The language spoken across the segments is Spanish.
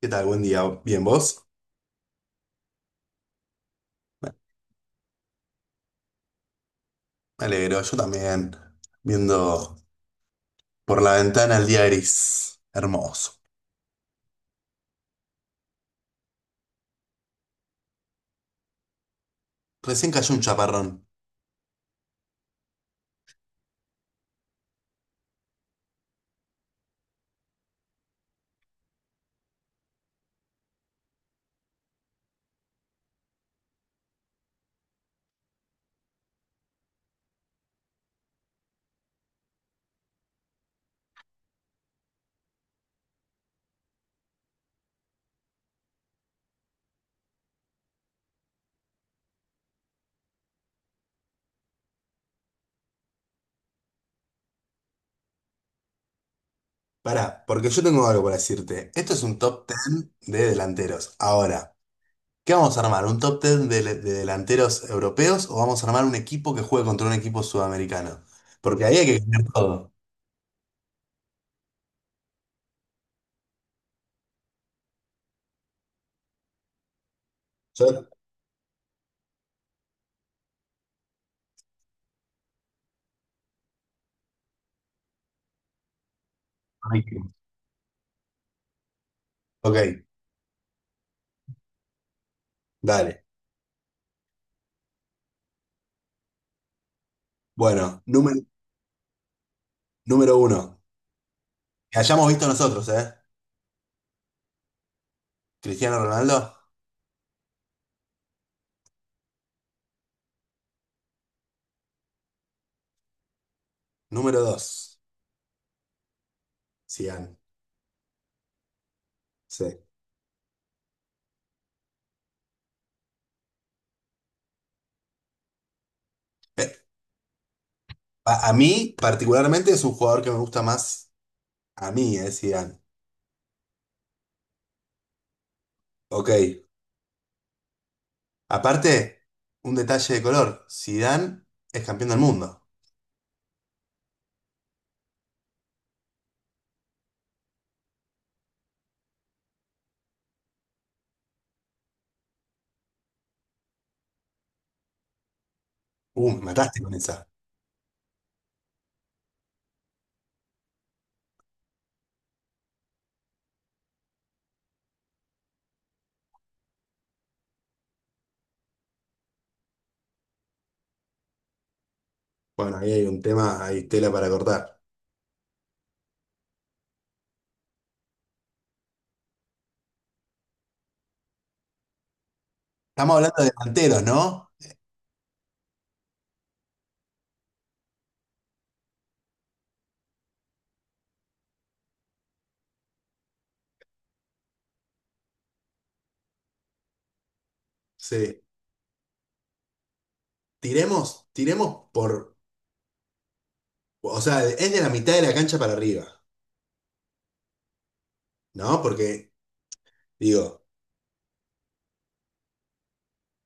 ¿Qué tal? Buen día. ¿Bien vos? Me alegro, yo también. Viendo por la ventana el día gris. Hermoso. Recién cayó un chaparrón. Pará, porque yo tengo algo para decirte. Esto es un top 10 de delanteros. Ahora, ¿qué vamos a armar? ¿Un top 10 de delanteros europeos o vamos a armar un equipo que juegue contra un equipo sudamericano? Porque ahí hay que ganar todo. Yo- Ok, dale. Bueno, número uno. Que hayamos visto nosotros, ¿eh? Cristiano Ronaldo. Número dos. Sian, sí. Eh, a mí, particularmente, es un jugador que me gusta más a mí, Zidane. Ok. Aparte, un detalle de color. Zidane es campeón del mundo. Me mataste con esa. Bueno, ahí hay un tema, hay tela para cortar. Estamos hablando de delanteros, ¿no? Sí. Tiremos por. O sea, es de la mitad de la cancha para arriba, ¿no? Porque, digo,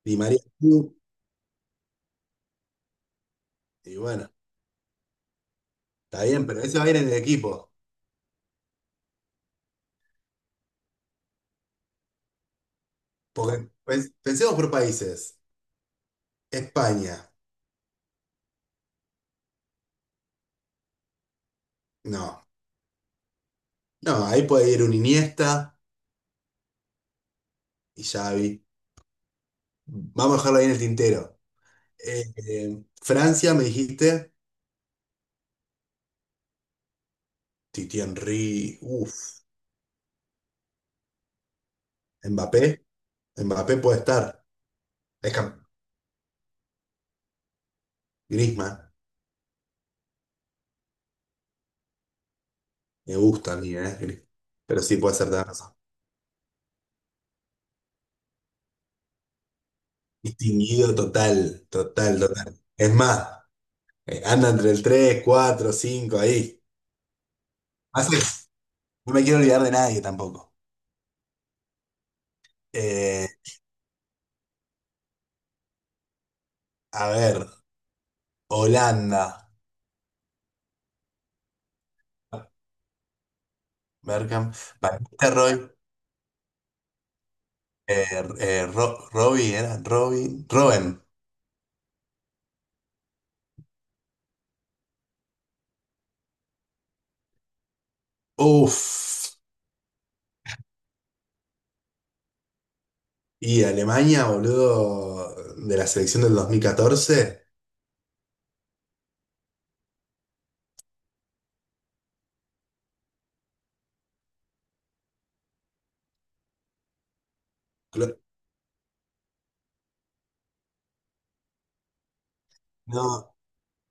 Di María. Y bueno, está bien, pero ese va a ir en el equipo. Porque pensemos por países. España. No. No, ahí puede ir un Iniesta y Xavi. Mm. Vamos a dejarlo ahí en el tintero. Francia, me dijiste. Titi Henry. Uf. Mbappé. Mbappé puede estar. Es cam- Griezmann. Me gusta a mí, Pero sí puede ser de razón. Distinguido total. Total, total. Es más, anda entre el 3, 4, 5 ahí. Más es, no me quiero olvidar de nadie tampoco. Eh, a ver, Holanda. Berkham. Batista Roy. eh, Robin, ¿era? Robin. Robben. Uf. Y Alemania, boludo, de la selección del 2014. Clo- No,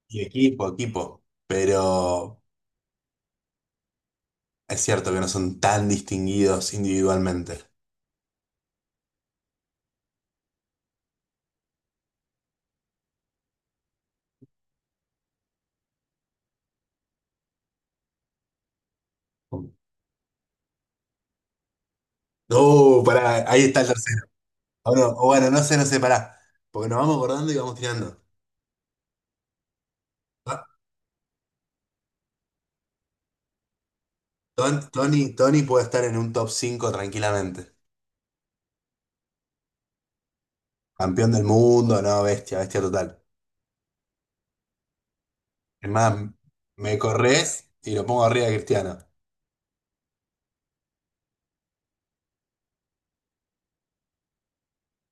y equipo, equipo. Pero es cierto que no son tan distinguidos individualmente. No, pará, ahí está el tercero. O, no, o bueno, no sé, no sé, pará. Porque nos vamos acordando y vamos tirando. Ah, Tony puede estar en un top 5 tranquilamente. Campeón del mundo, no, bestia, bestia total. Es más, me corres y lo pongo arriba de Cristiano.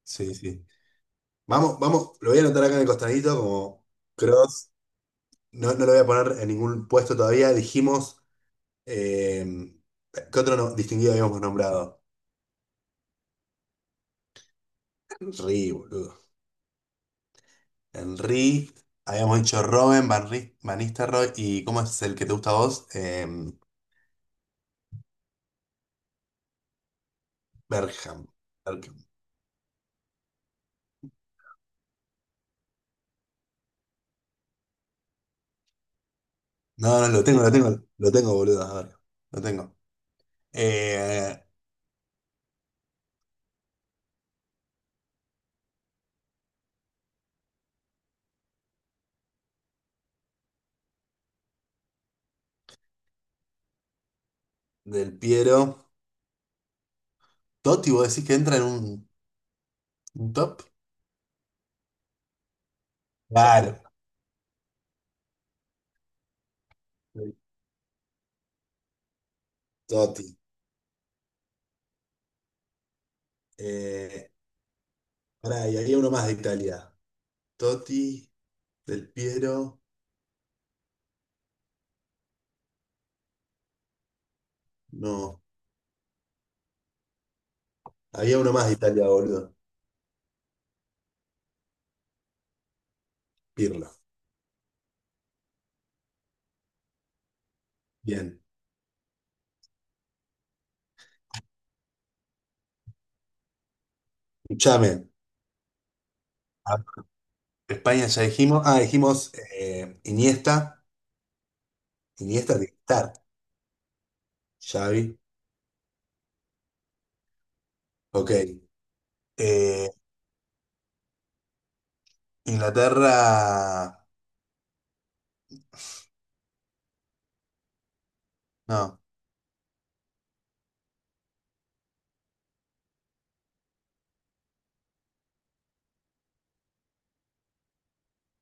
Sí, sí. Vamos, vamos, lo voy a anotar acá en el costadito como cross. No, no lo voy a poner en ningún puesto todavía. Dijimos, eh, ¿qué otro distinguido habíamos nombrado? Henry, boludo. Henry, habíamos dicho Robben, Van Nistelrooy y ¿cómo es el que te gusta a vos? Bergkamp. Bergkamp. No, no, lo tengo, lo tengo, lo tengo, boludo. A ver, lo tengo. Eh, del Piero. Totti, vos decís que entra en un ¿Un top? Claro, Totti. Eh, pará, y había uno más de Italia. Totti, Del Piero. No, había uno más de Italia, boludo. Pirlo. Bien. Escuchame. a- España ya dijimos. Ah, dijimos Iniesta. Iniesta de estar. Xavi. Ok. Eh, Inglaterra. No,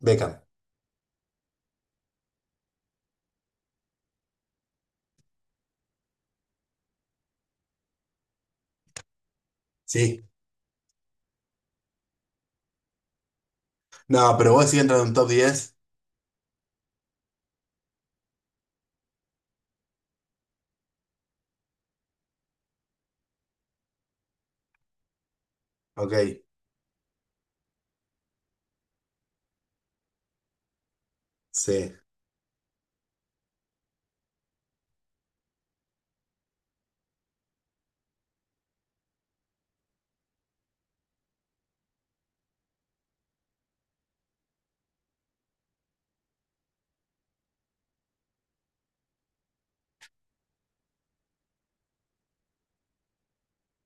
Beckham. Sí. No, pero vos sí entras en un top diez. Ok. Sí.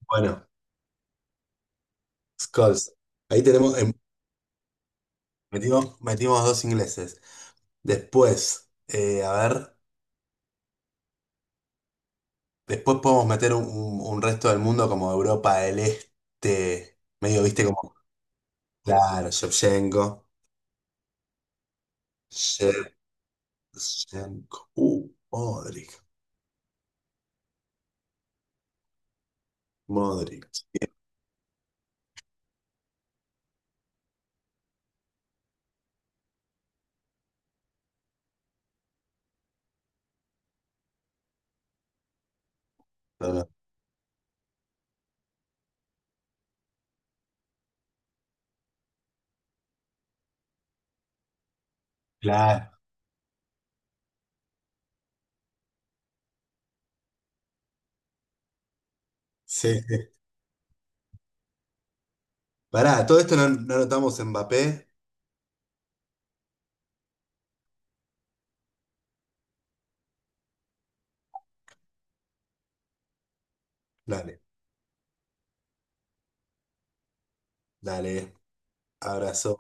Bueno, Scholes. Ahí tenemos. Metimos, metimos dos ingleses. Después, a ver, después podemos meter un resto del mundo como Europa del Este, medio, viste, como, claro, Shevchenko, Modric. Claro, sí. sí. Pará, todo esto no, no notamos Mbappé. Dale, dale, abrazo.